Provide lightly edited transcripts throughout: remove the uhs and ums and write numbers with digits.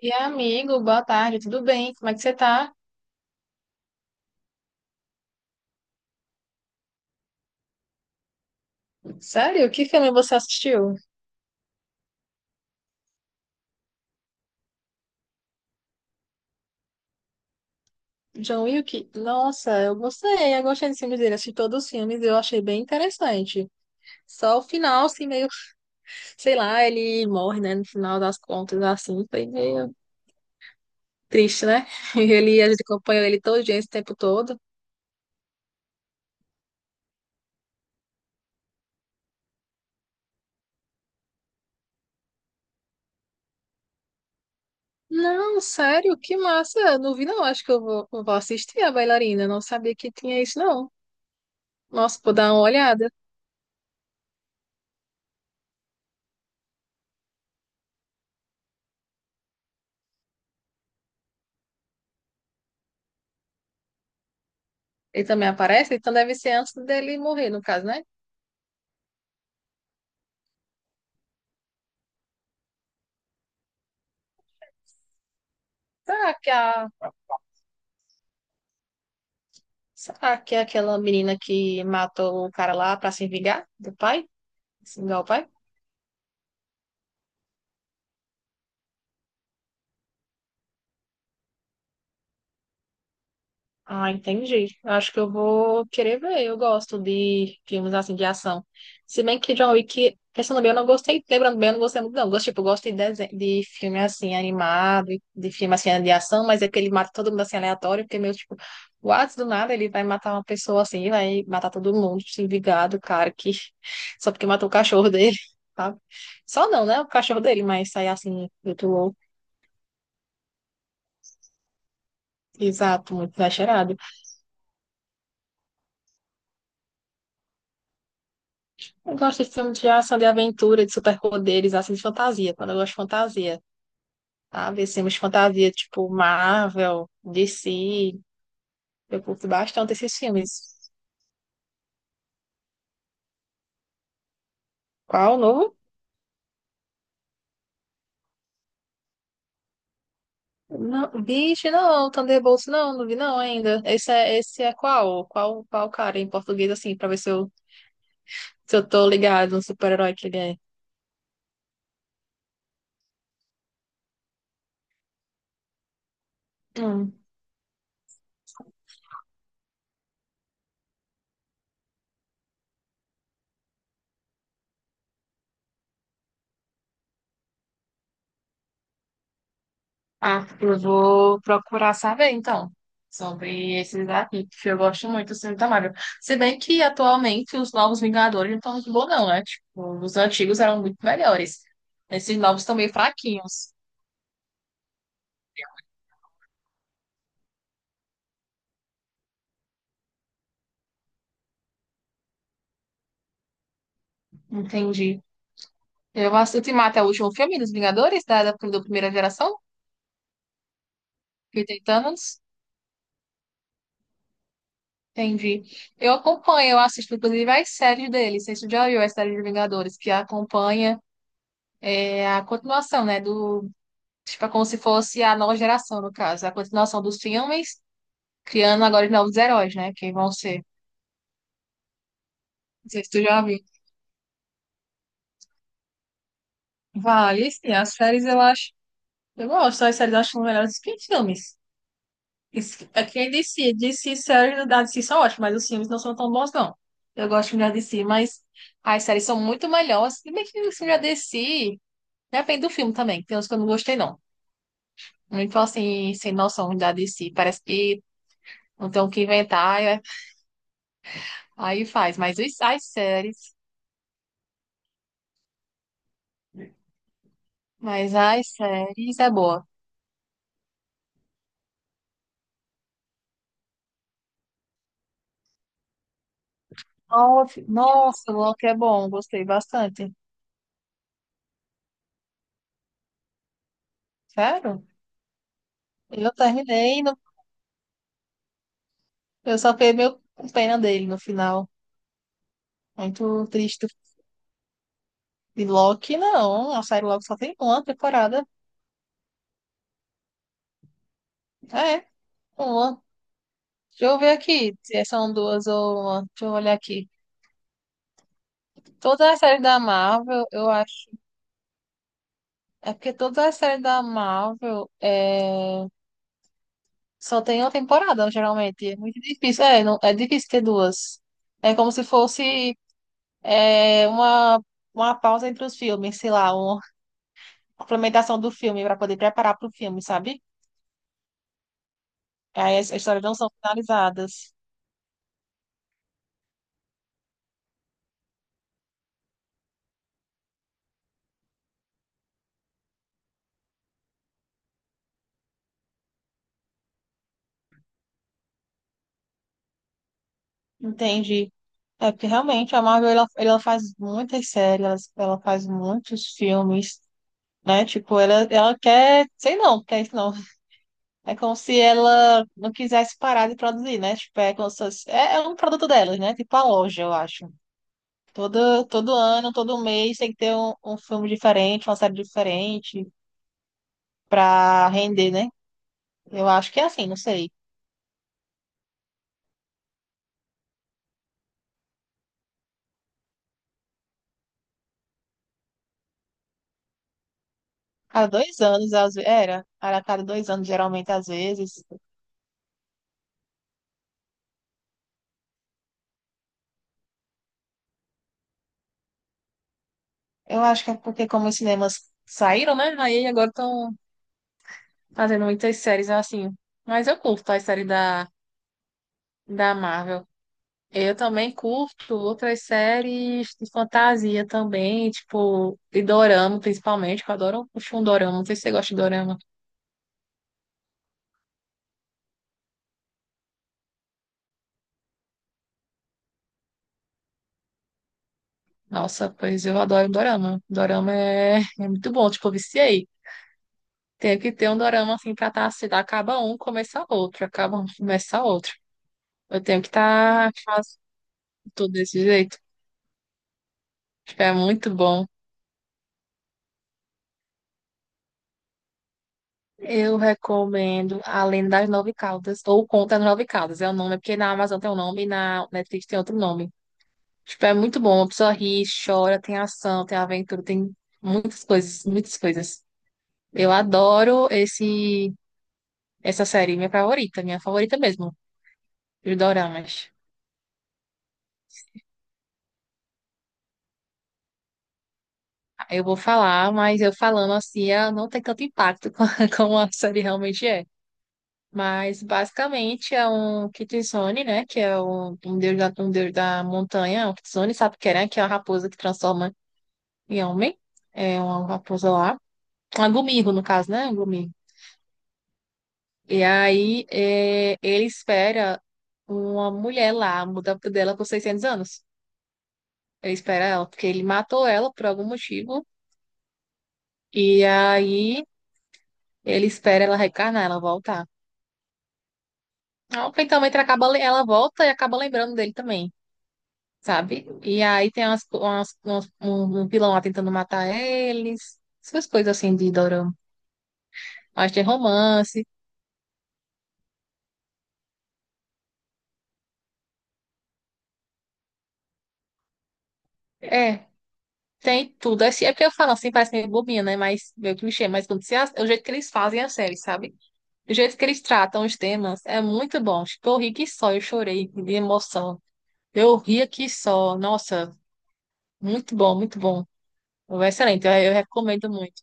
E amigo, boa tarde, tudo bem? Como é que você tá? Sério? Que filme você assistiu? John Wick? Nossa, eu gostei desse filme dele, assisti todos os filmes, e eu achei bem interessante. Só o final, assim, meio, sei lá, ele morre, né, no final das contas, assim, foi meio triste, né? Ele, a gente acompanhou ele todo dia, esse tempo todo. Não, sério, que massa, eu não vi não, acho que eu vou assistir a bailarina. Eu não sabia que tinha isso não. Nossa, vou dar uma olhada. Ele também aparece, então deve ser antes dele morrer, no caso, né? Será que a, Será que é aquela menina que matou o cara lá pra se vingar do pai? Se vingar o pai? Ah, entendi. Eu acho que eu vou querer ver. Eu gosto de filmes assim de ação. Se bem que John Wick, pensando bem, eu não gostei. Lembrando bem, eu não gostei muito, não. Eu gosto, tipo, eu gosto de, desen- de filme assim animado, de filme assim de ação, mas é que ele mata todo mundo assim aleatório, porque meio tipo, what, do nada ele vai matar uma pessoa assim, vai matar todo mundo, tipo, se vingado, cara, que só porque matou o cachorro dele, sabe? Só não, né? O cachorro dele, mas sair assim, muito louco. Exato, muito exagerado. Eu gosto de filmes de ação, de aventura, de superpoderes, assim, de fantasia. Quando eu gosto de fantasia, sabe? Esses filmes de fantasia, tipo Marvel, DC. Eu curto bastante esses filmes. Qual o novo? Não, bicho, não. Thunderbolts, não. Não vi não ainda. Esse é qual? Qual cara em português, assim, pra ver se eu, se eu tô ligado no super-herói que ele é. Hum. Ah, eu vou procurar saber, então, sobre esses aqui, que eu gosto muito do filme da Marvel. Se bem que, atualmente, os novos Vingadores não estão muito bons, não, né? Tipo, os antigos eram muito melhores. Esses novos estão meio fraquinhos. Entendi. Eu assisti Ultimato é o último filme dos Vingadores, da primeira geração, que tem Thanos. Entendi. Eu acompanho, eu assisto, inclusive, as séries deles. Vocês já viu a série de Vingadores, que acompanha é, a continuação, né, do tipo, é como se fosse a nova geração, no caso, a continuação dos filmes, criando agora novos heróis, né? Que vão ser. Não sei se tu já viu. Vale, sim, as séries eu acho. Eu gosto, as séries eu acho melhores que os filmes. Isso- é quem DC, DC séries da DC são ótimas, mas os filmes não são tão bons, não. Eu gosto da DC, mas as séries são muito melhores. Se bem que os filmes da DC, depende do filme também, tem uns que eu não gostei, não. Muito assim, sem noção da DC. Parece que não tem o que inventar, aí faz. Mas os- as séries. Mas as séries é boa. Nossa, nossa, Loki é bom, gostei bastante. Sério? Eu terminei, no... eu só fiquei meio com pena dele no final. Muito triste. De Loki, não. A série Loki só tem uma temporada. É, uma. Deixa eu ver aqui se são duas ou uma. Deixa eu olhar aqui. Todas as séries da Marvel, eu acho. É porque todas as séries da Marvel é... só tem uma temporada, geralmente. É muito difícil. É, não... é difícil ter duas. É como se fosse. É, uma pausa entre os filmes, sei lá, uma complementação do filme para poder preparar para o filme, sabe? Aí as histórias não são finalizadas. Entendi. É porque realmente a Marvel ela, ela faz muitas séries, ela faz muitos filmes, né? Tipo, ela quer, sei não, quer isso não. É como se ela não quisesse parar de produzir, né? Tipo, é como se fosse- é, é um produto delas, né? Tipo a loja, eu acho. Todo ano, todo mês tem que ter um, um filme diferente, uma série diferente, para render, né? Eu acho que é assim, não sei. Cada dois anos, às vezes, era cada dois anos, geralmente, às vezes. Eu acho que é porque como os cinemas saíram, né? Aí agora estão fazendo muitas séries assim. Mas eu curto as séries da Marvel. Eu também curto outras séries de fantasia também, tipo, de dorama, principalmente, que eu adoro puxar um dorama. Não sei se você gosta de dorama. Nossa, pois eu adoro dorama. Dorama é muito bom, tipo, eu viciei. Tenho que ter um dorama assim pra estar se assim, acaba um, começa outro, acaba um, começa outro. Eu tenho que estar fazendo tudo desse jeito. Tipo, é muito bom. Eu recomendo Além das Nove Caudas, ou Conta das Nove Caudas, é o nome, é porque na Amazon tem um nome e na Netflix tem outro nome. Tipo, é muito bom, a pessoa ri, chora, tem ação, tem aventura, tem muitas coisas, muitas coisas. Eu adoro esse, essa série, minha favorita mesmo, os doramas. Eu vou falar, mas eu falando assim, ela não tem tanto impacto como a série realmente é. Mas basicamente é um Kitsune, né? Que é um, um deus da montanha, é um Kitsune, sabe o que é, né? Que é uma raposa que transforma em homem. É uma raposa lá. Um Gumirro, no caso, né? Um Gumirro. E aí é, ele espera uma mulher lá, muda dela por 600 anos. Ele espera ela, porque ele matou ela por algum motivo. E aí ele espera ela reencarnar, ela voltar. Não, porque também ela acaba, ela volta e acaba lembrando dele também, sabe? E aí tem um vilão lá tentando matar eles, essas coisas assim de dorama. Mas tem romance, é, tem tudo. Assim, é porque eu falo assim, parece meio bobinha, né? Mas meio clichê, mas quando você, o jeito que eles fazem a série, sabe? O jeito que eles tratam os temas é muito bom. Tipo, eu ri que só, eu chorei de emoção. Eu ria que só, nossa, muito bom, muito bom. Excelente, eu recomendo muito.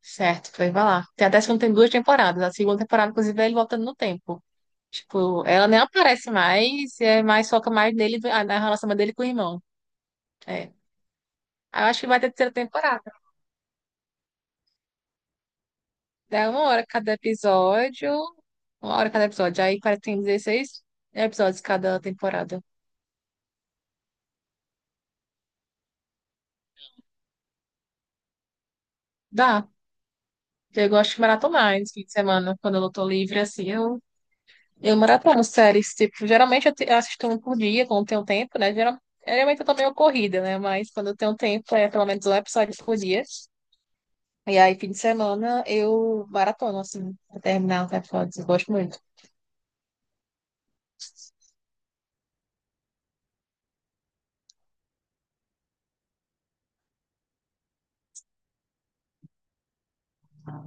Certo, foi vai lá. Tem até que não tem duas temporadas. A segunda temporada, inclusive, é ele voltando no tempo. Tipo, ela nem aparece mais, é mais foca mais nele, na relação dele com o irmão. É. Aí eu acho que vai ter terceira temporada. Dá uma hora cada episódio. Uma hora cada episódio. Aí parece que tem 16 episódios cada temporada. Dá. Eu gosto de maratonar esse fim de semana, quando eu tô livre, assim, eu maratono séries, tipo, eu assisto um por dia, quando tenho tempo, né? Geralmente eu tô meio corrida, né? Mas quando eu tenho tempo, é pelo menos um episódio por dia. E aí, fim de semana, eu maratono, assim, pra terminar os episódios. Eu gosto muito.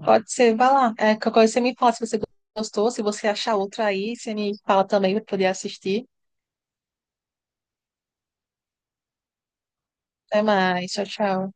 Pode ser, vai lá. É, qualquer coisa você me fala se você gostou, se você achar outra aí, você me fala também pra eu poder assistir. Até mais, tchau, tchau.